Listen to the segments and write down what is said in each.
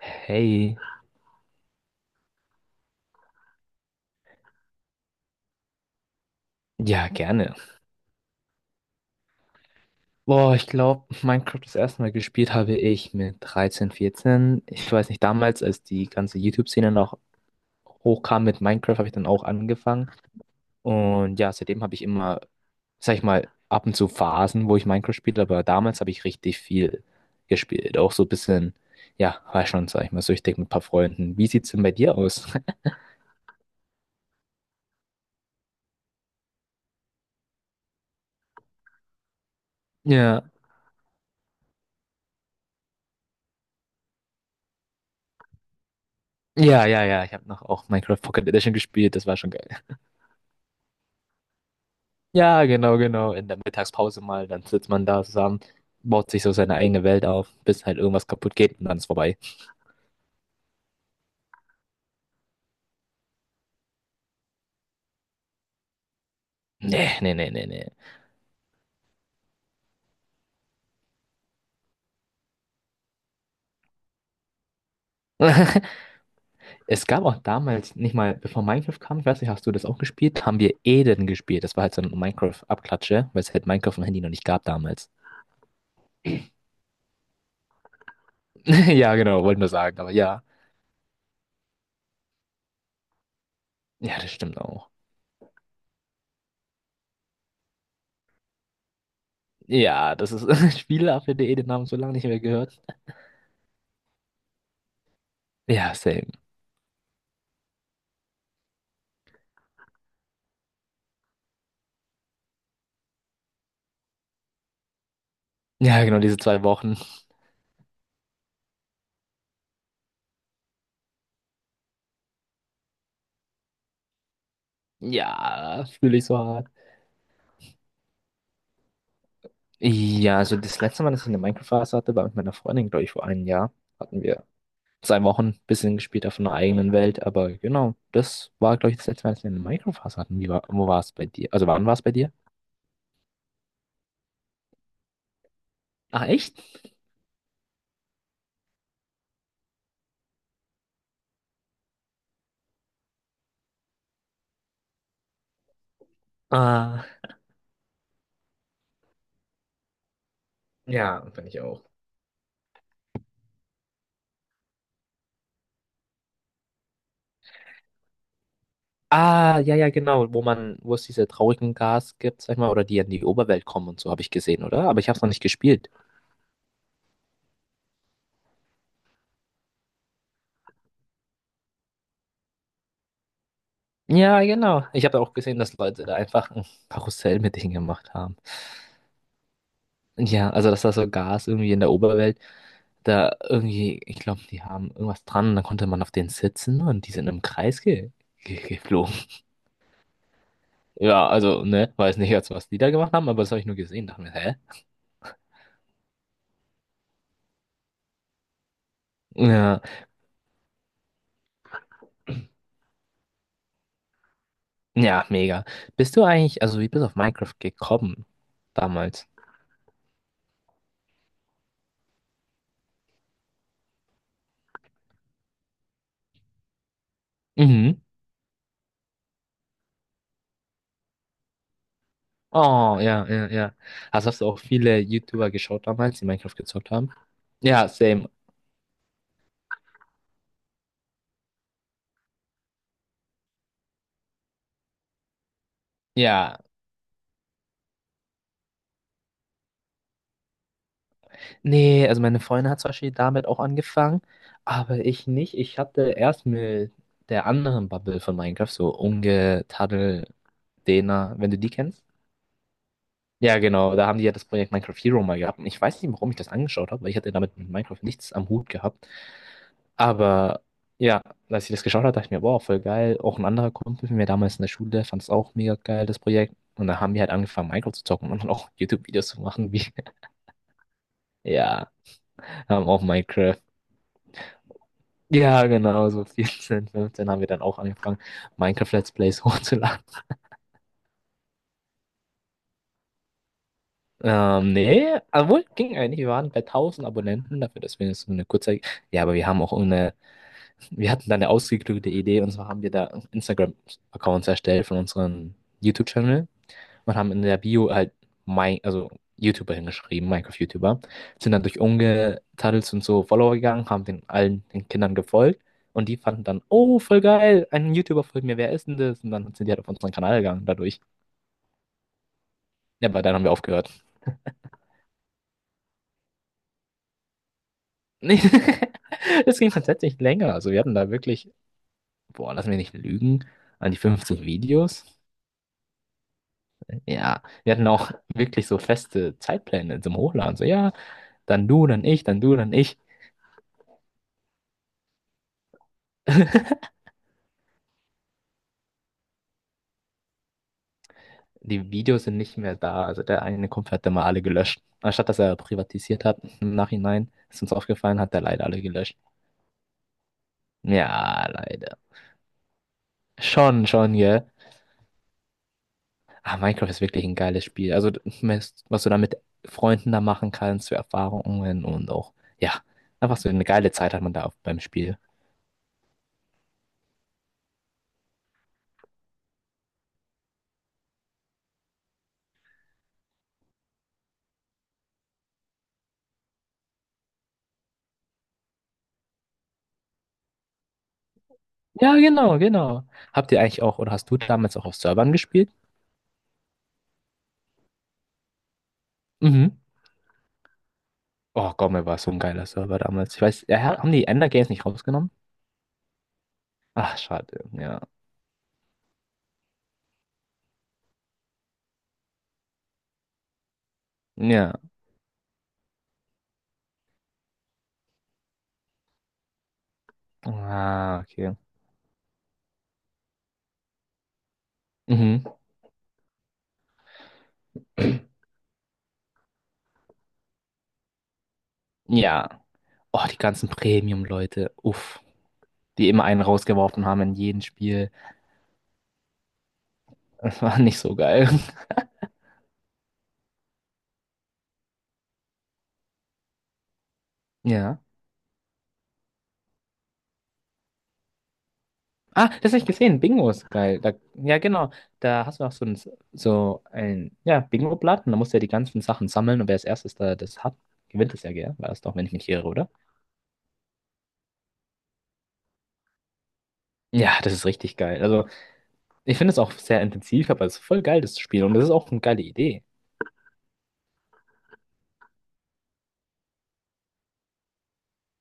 Hey, ja, gerne. Boah, ich glaube, Minecraft das erste Mal gespielt habe ich mit 13, 14. Ich weiß nicht, damals, als die ganze YouTube-Szene noch hochkam mit Minecraft, habe ich dann auch angefangen. Und ja, seitdem habe ich immer, sag ich mal, ab und zu Phasen, wo ich Minecraft spiele, aber damals habe ich richtig viel gespielt. Auch so ein bisschen, ja, war schon, sag ich mal, süchtig mit ein paar Freunden. Wie sieht's denn bei dir aus? Ja, ja, ja, ja. Ich habe noch auch Minecraft Pocket Edition gespielt, das war schon geil. Ja, genau, genau. In der Mittagspause mal, dann sitzt man da zusammen, baut sich so seine eigene Welt auf, bis halt irgendwas kaputt geht und dann ist vorbei. Nee, nee, nee, nee, nee. Es gab auch damals, nicht mal, bevor Minecraft kam, ich weiß nicht, hast du das auch gespielt? Haben wir Eden gespielt. Das war halt so ein Minecraft-Abklatsche, weil es halt Minecraft am Handy noch nicht gab damals. Ja, genau, wollte nur sagen, aber ja. Ja, das stimmt auch. Ja, das ist Spiele, auf die Eden haben so lange nicht mehr gehört. Ja, same. Ja, genau, diese 2 Wochen. Ja, fühle ich so hart. Ja, also das letzte Mal, dass ich eine Minecraft-Phase hatte, war mit meiner Freundin, glaube ich, vor einem Jahr. Hatten wir 2 Wochen ein bisschen gespielt auf einer eigenen Welt, aber genau, das war, glaube ich, das letzte Mal, dass wir eine Minecraft-Phase hatten. Wie war, wo war es bei dir? Also wann war es bei dir? Ach, echt? Ah, ja, bin ich auch. Ah, ja, ja, genau, wo man, wo es diese traurigen Gas gibt, sag ich mal, oder die in die Oberwelt kommen und so, habe ich gesehen, oder? Aber ich habe es noch nicht gespielt. Ja, genau. Ich habe auch gesehen, dass Leute da einfach ein Karussell mit denen gemacht haben. Ja, also dass da so Gas irgendwie in der Oberwelt da irgendwie, ich glaube, die haben irgendwas dran und dann konnte man auf denen sitzen und die sind im Kreis ge ge geflogen. Ja, also, ne, weiß nicht jetzt, was die da gemacht haben, aber das habe ich nur gesehen, dachte mir, hä? Ja, ja, mega. Bist du eigentlich, also wie bist du auf Minecraft gekommen damals? Mhm. Oh, ja, ja, ja. Also hast du auch viele YouTuber geschaut damals, die Minecraft gezockt haben? Ja, same. Ja. Nee, also meine Freundin hat zum Beispiel damit auch angefangen, aber ich nicht. Ich hatte erst mit der anderen Bubble von Minecraft, so Unge, Taddel, Dena, wenn du die kennst. Ja, genau, da haben die ja das Projekt Minecraft Hero mal gehabt. Und ich weiß nicht, warum ich das angeschaut habe, weil ich hatte damit mit Minecraft nichts am Hut gehabt. Aber ja, als ich das geschaut habe, dachte ich mir, boah, voll geil. Auch ein anderer Kumpel von mir damals in der Schule fand es auch mega geil, das Projekt. Und da haben wir halt angefangen, Minecraft zu zocken und dann auch YouTube-Videos zu machen, wie, ja, haben auch Minecraft ja, genau, so 14, 15 haben wir dann auch angefangen, Minecraft Let's Plays hochzuladen. Nee, obwohl, ging eigentlich. Wir waren bei 1000 Abonnenten dafür, dass wir so eine kurze. Ja, aber wir haben auch eine. Wir hatten da eine ausgeklügelte Idee und zwar haben wir da Instagram-Accounts erstellt von unserem YouTube-Channel und haben in der Bio halt mein, also YouTuber hingeschrieben, Minecraft-YouTuber, sind dann durch Unge-Tunnels und so Follower gegangen, haben den allen den Kindern gefolgt und die fanden dann, oh, voll geil, ein YouTuber folgt mir, wer ist denn das? Und dann sind die halt auf unseren Kanal gegangen dadurch. Ja, aber dann haben wir aufgehört. Das ging tatsächlich länger. Also wir hatten da wirklich, boah, lass mich nicht lügen, an die 15 Videos. Ja, wir hatten auch wirklich so feste Zeitpläne zum Hochladen. So, ja, dann du, dann ich, dann du, dann ich. Die Videos sind nicht mehr da. Also der eine Kumpel hat immer alle gelöscht. Anstatt dass er privatisiert hat im Nachhinein, ist uns aufgefallen, hat er leider alle gelöscht. Ja, leider. Schon, schon, gell. Ah, Minecraft ist wirklich ein geiles Spiel. Also, was du da mit Freunden da machen kannst, für Erfahrungen und auch, ja, einfach so eine geile Zeit hat man da auf, beim Spiel. Ja, genau, genau. Habt ihr eigentlich auch, oder hast du damals auch auf Servern gespielt? Mhm. Oh Gott, mir war so ein geiler Server damals. Ich weiß, ja, haben die Ender Games nicht rausgenommen? Ach, schade. Ja. Ja. Ah, okay. Mhm. Ja. Oh, die ganzen Premium-Leute. Uff. Die immer einen rausgeworfen haben in jedem Spiel. Das war nicht so geil. Ja. Ah, das habe ich gesehen. Bingo ist geil. Da, ja, genau. Da hast du auch so ein ja, Bingo-Blatt und da musst du ja die ganzen Sachen sammeln und wer als erstes da das hat, gewinnt es ja, gell? War das doch, wenn ich mich nicht irre, oder? Ja, das ist richtig geil. Also, ich finde es auch sehr intensiv, aber es ist voll geil, das zu spielen und das ist auch eine geile Idee.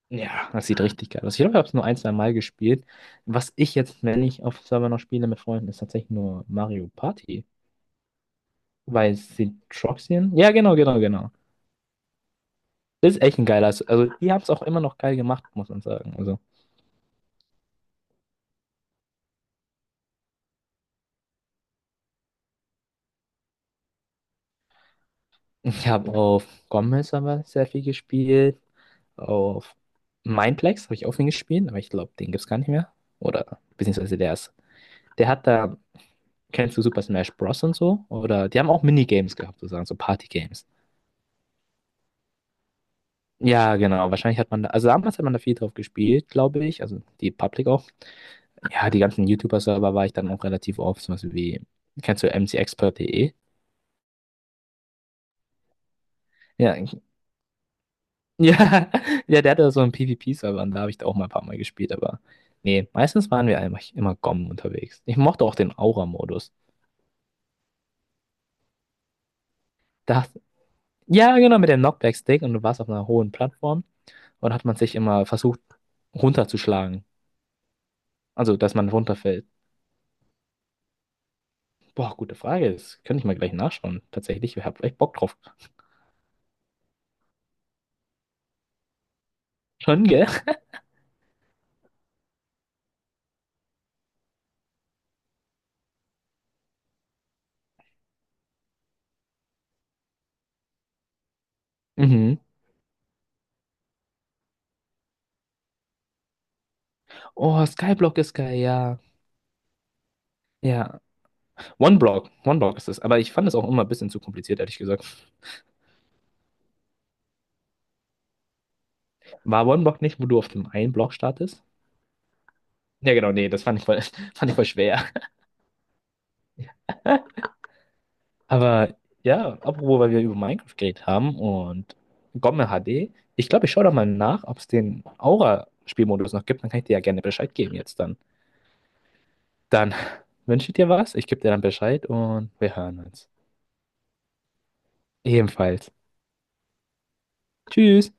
Ja, das sieht richtig geil aus. Ich glaube, ich habe es nur ein, zwei Mal gespielt. Was ich jetzt, wenn ich auf Server noch spiele mit Freunden, ist tatsächlich nur Mario Party. Weil Citroxien? Ja, genau, genau, genau. Das ist echt ein geiler. Se- Also, die haben es auch immer noch geil gemacht, muss man sagen. Also, ich habe auf Gommes-Server sehr viel gespielt. Auf Mineplex habe ich auch viel gespielt, aber ich glaube, den gibt es gar nicht mehr. Oder, beziehungsweise der ist. Der hat da, kennst du Super Smash Bros. Und so? Oder die haben auch Minigames gehabt, sozusagen, so Party-Games. Ja, genau. Wahrscheinlich hat man da, also damals hat man da viel drauf gespielt, glaube ich. Also die Public auch. Ja, die ganzen YouTuber-Server war ich dann auch relativ oft. Zum Beispiel wie, kennst du mcexpert.de? Ja, ich- ja, ja, der hatte so einen PvP-Server und da habe ich da auch mal ein paar Mal gespielt, aber nee, meistens waren wir eigentlich immer GOM unterwegs. Ich mochte auch den Aura-Modus. Da, ja, genau, mit dem Knockback-Stick und du warst auf einer hohen Plattform und hat man sich immer versucht runterzuschlagen. Also, dass man runterfällt. Boah, gute Frage. Das könnte ich mal gleich nachschauen. Tatsächlich, ich hab echt Bock drauf. Schon, gell? Mhm. Oh, Skyblock ist geil, ja. Ja. OneBlock. OneBlock ist es. Aber ich fand es auch immer ein bisschen zu kompliziert, ehrlich gesagt. War OneBlock nicht, wo du auf dem einen Block startest? Ja, genau, nee, das fand ich voll, fand ich voll schwer. Aber ja, apropos, weil wir über Minecraft geredet haben und Gomme HD. Ich glaube, ich schaue da mal nach, ob es den Aura-Spielmodus noch gibt. Dann kann ich dir ja gerne Bescheid geben jetzt dann. Dann wünsche ich dir was. Ich gebe dir dann Bescheid und wir hören uns. Ebenfalls, tschüss.